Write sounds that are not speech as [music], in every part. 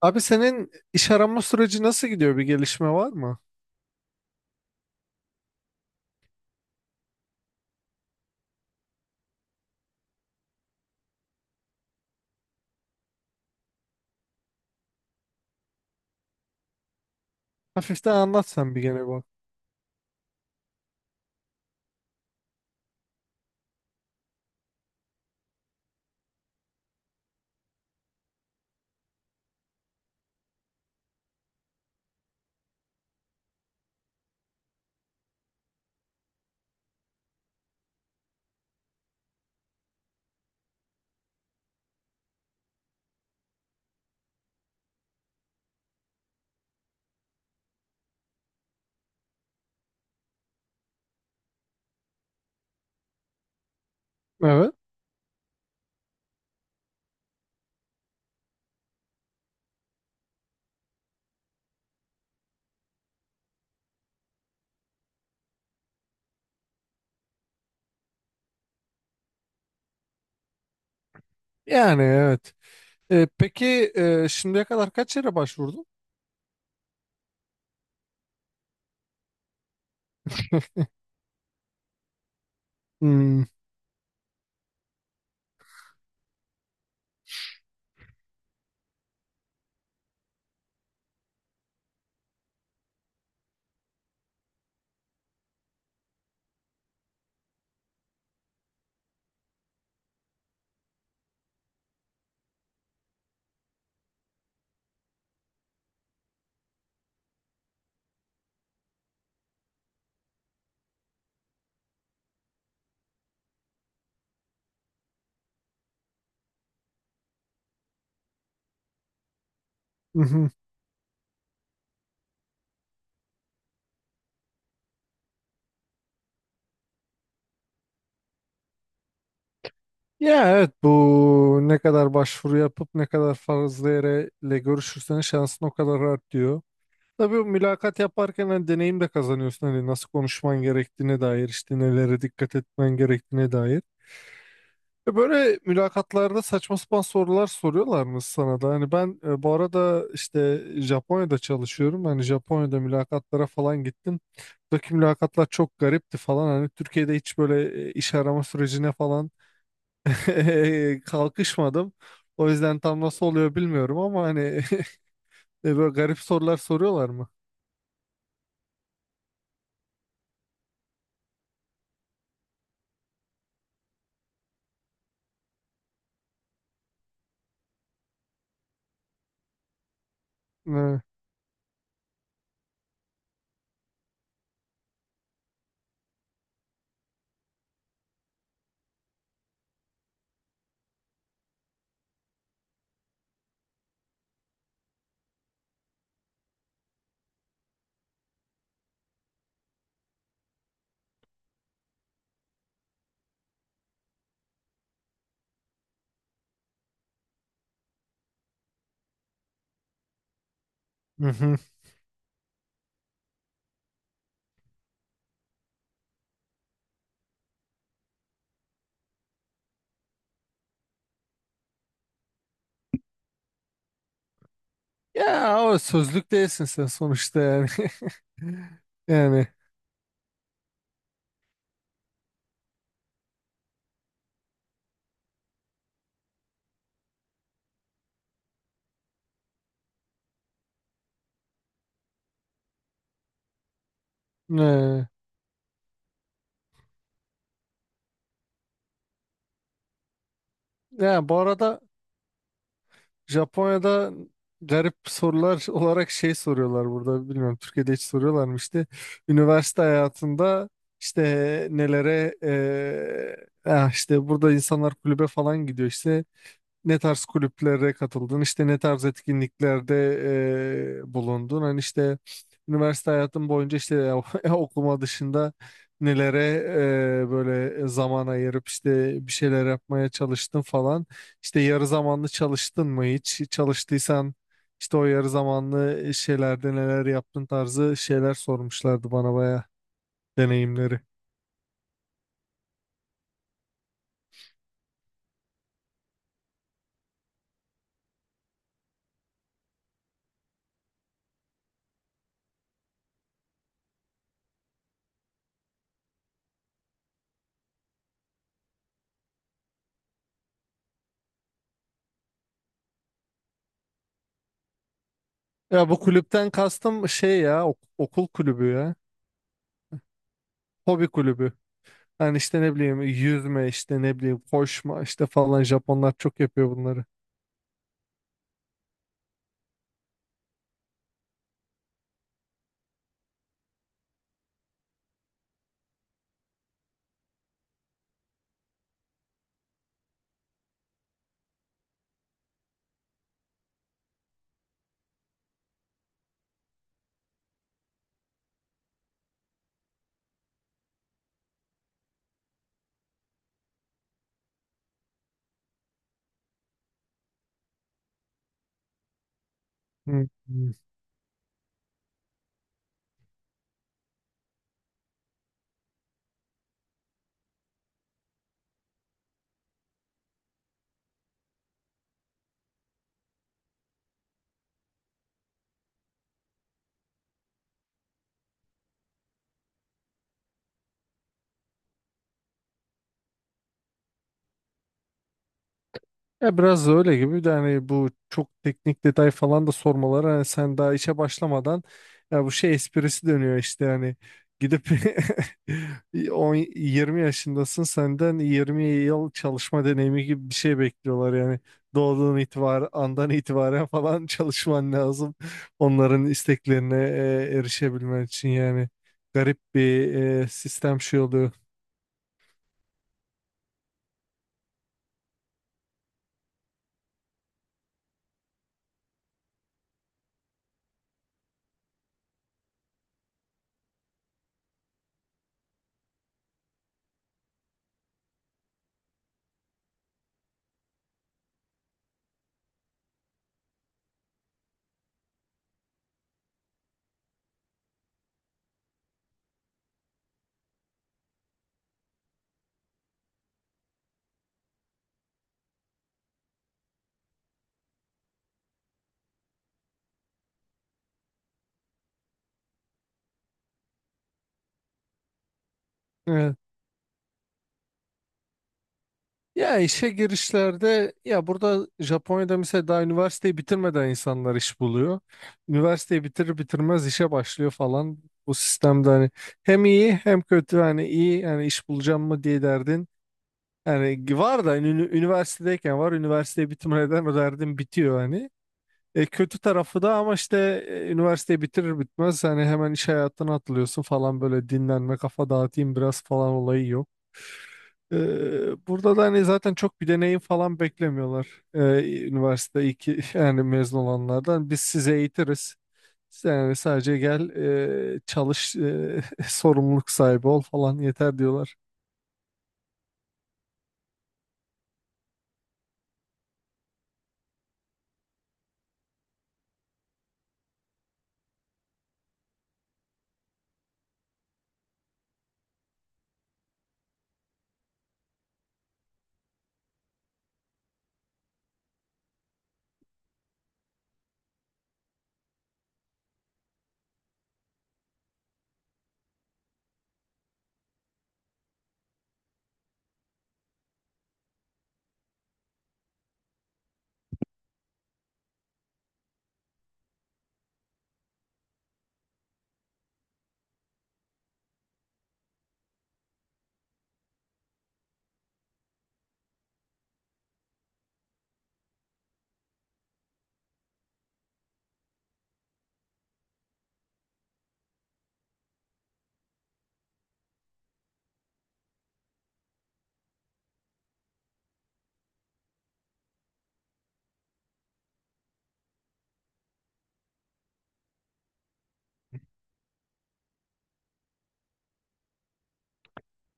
Abi senin iş arama süreci nasıl gidiyor? Bir gelişme var mı? Hafiften anlat sen bir gene bak. Evet. Yani evet. Peki şimdiye kadar kaç yere başvurdun? [laughs] Hmm, mhm. Ya evet, bu ne kadar başvuru yapıp ne kadar fazla yereyle görüşürsen şansın o kadar artıyor. Tabii bu mülakat yaparken hani deneyim de kazanıyorsun. Hani nasıl konuşman gerektiğine dair, işte nelere dikkat etmen gerektiğine dair. Böyle mülakatlarda saçma sapan sorular soruyorlar mı sana da? Hani ben bu arada işte Japonya'da çalışıyorum. Hani Japonya'da mülakatlara falan gittim. Buradaki mülakatlar çok garipti falan. Hani Türkiye'de hiç böyle iş arama sürecine falan [laughs] kalkışmadım. O yüzden tam nasıl oluyor bilmiyorum ama hani [laughs] böyle garip sorular soruyorlar mı? Evet. Hı hı. Ya o sözlük değilsin sen sonuçta yani. [laughs] Yani. e, Ya bu arada Japonya'da garip sorular [laughs] olarak şey soruyorlar, burada bilmiyorum Türkiye'de hiç soruyorlar mı işte, üniversite hayatında işte nelere ah işte burada insanlar kulübe falan gidiyor, işte ne tarz kulüplere katıldın, işte ne tarz etkinliklerde bulundun. Hani işte üniversite hayatın boyunca işte [laughs] okuma dışında nelere böyle zaman ayırıp işte bir şeyler yapmaya çalıştın falan. İşte yarı zamanlı çalıştın mı hiç? Çalıştıysan işte o yarı zamanlı şeylerde neler yaptın tarzı şeyler sormuşlardı bana bayağı deneyimleri. Ya bu kulüpten kastım şey, ya okul kulübü ya. Hobi kulübü. Hani işte ne bileyim yüzme, işte ne bileyim koşma işte falan, Japonlar çok yapıyor bunları. Hı. Ya biraz da öyle gibi de, hani bu çok teknik detay falan da sormaları, hani sen daha işe başlamadan ya bu şey esprisi dönüyor işte, hani gidip [laughs] 10 20 yaşındasın, senden 20 yıl çalışma deneyimi gibi bir şey bekliyorlar yani. Doğduğun itibar andan itibaren falan [laughs] çalışman lazım onların isteklerine erişebilmen için yani. Garip bir sistem şey oluyor. Ya işe girişlerde, ya burada Japonya'da mesela daha üniversiteyi bitirmeden insanlar iş buluyor. Üniversiteyi bitirir bitirmez işe başlıyor falan. Bu sistemde hani hem iyi hem kötü, hani iyi, yani iş bulacağım mı diye derdin. Yani var da hani üniversitedeyken var, üniversiteyi bitirmeden o derdin bitiyor hani. Kötü tarafı da ama işte üniversiteyi bitirir bitmez hani hemen iş hayatına atılıyorsun falan, böyle dinlenme, kafa dağıtayım biraz falan olayı yok. Burada da hani zaten çok bir deneyim falan beklemiyorlar. Üniversite iki [laughs] yani mezun olanlardan biz sizi eğitiriz. Sen yani sadece gel, çalış, [laughs] sorumluluk sahibi ol falan yeter diyorlar.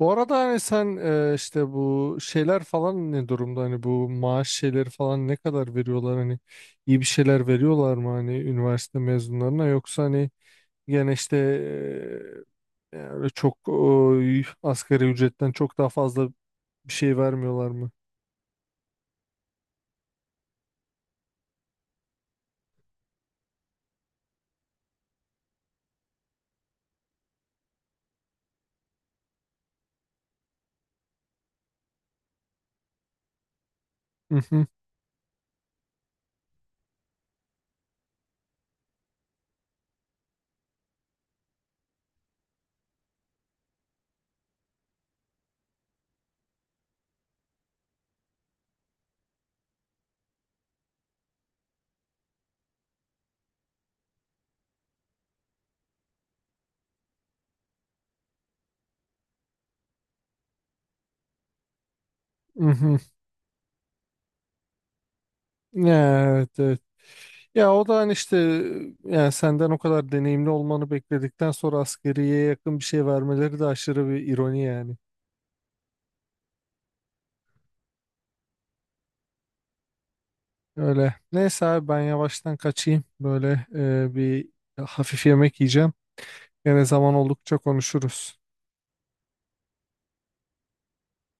Bu arada hani sen işte bu şeyler falan ne durumda, hani bu maaş şeyleri falan ne kadar veriyorlar, hani iyi bir şeyler veriyorlar mı hani üniversite mezunlarına, yoksa hani gene işte yani çok asgari ücretten çok daha fazla bir şey vermiyorlar mı? Hı hı, mhm. Evet, evet. Ya o da hani işte, yani senden o kadar deneyimli olmanı bekledikten sonra askeriyeye yakın bir şey vermeleri de aşırı bir ironi yani. Öyle. Neyse abi ben yavaştan kaçayım. Böyle bir hafif yemek yiyeceğim. Gene zaman oldukça konuşuruz.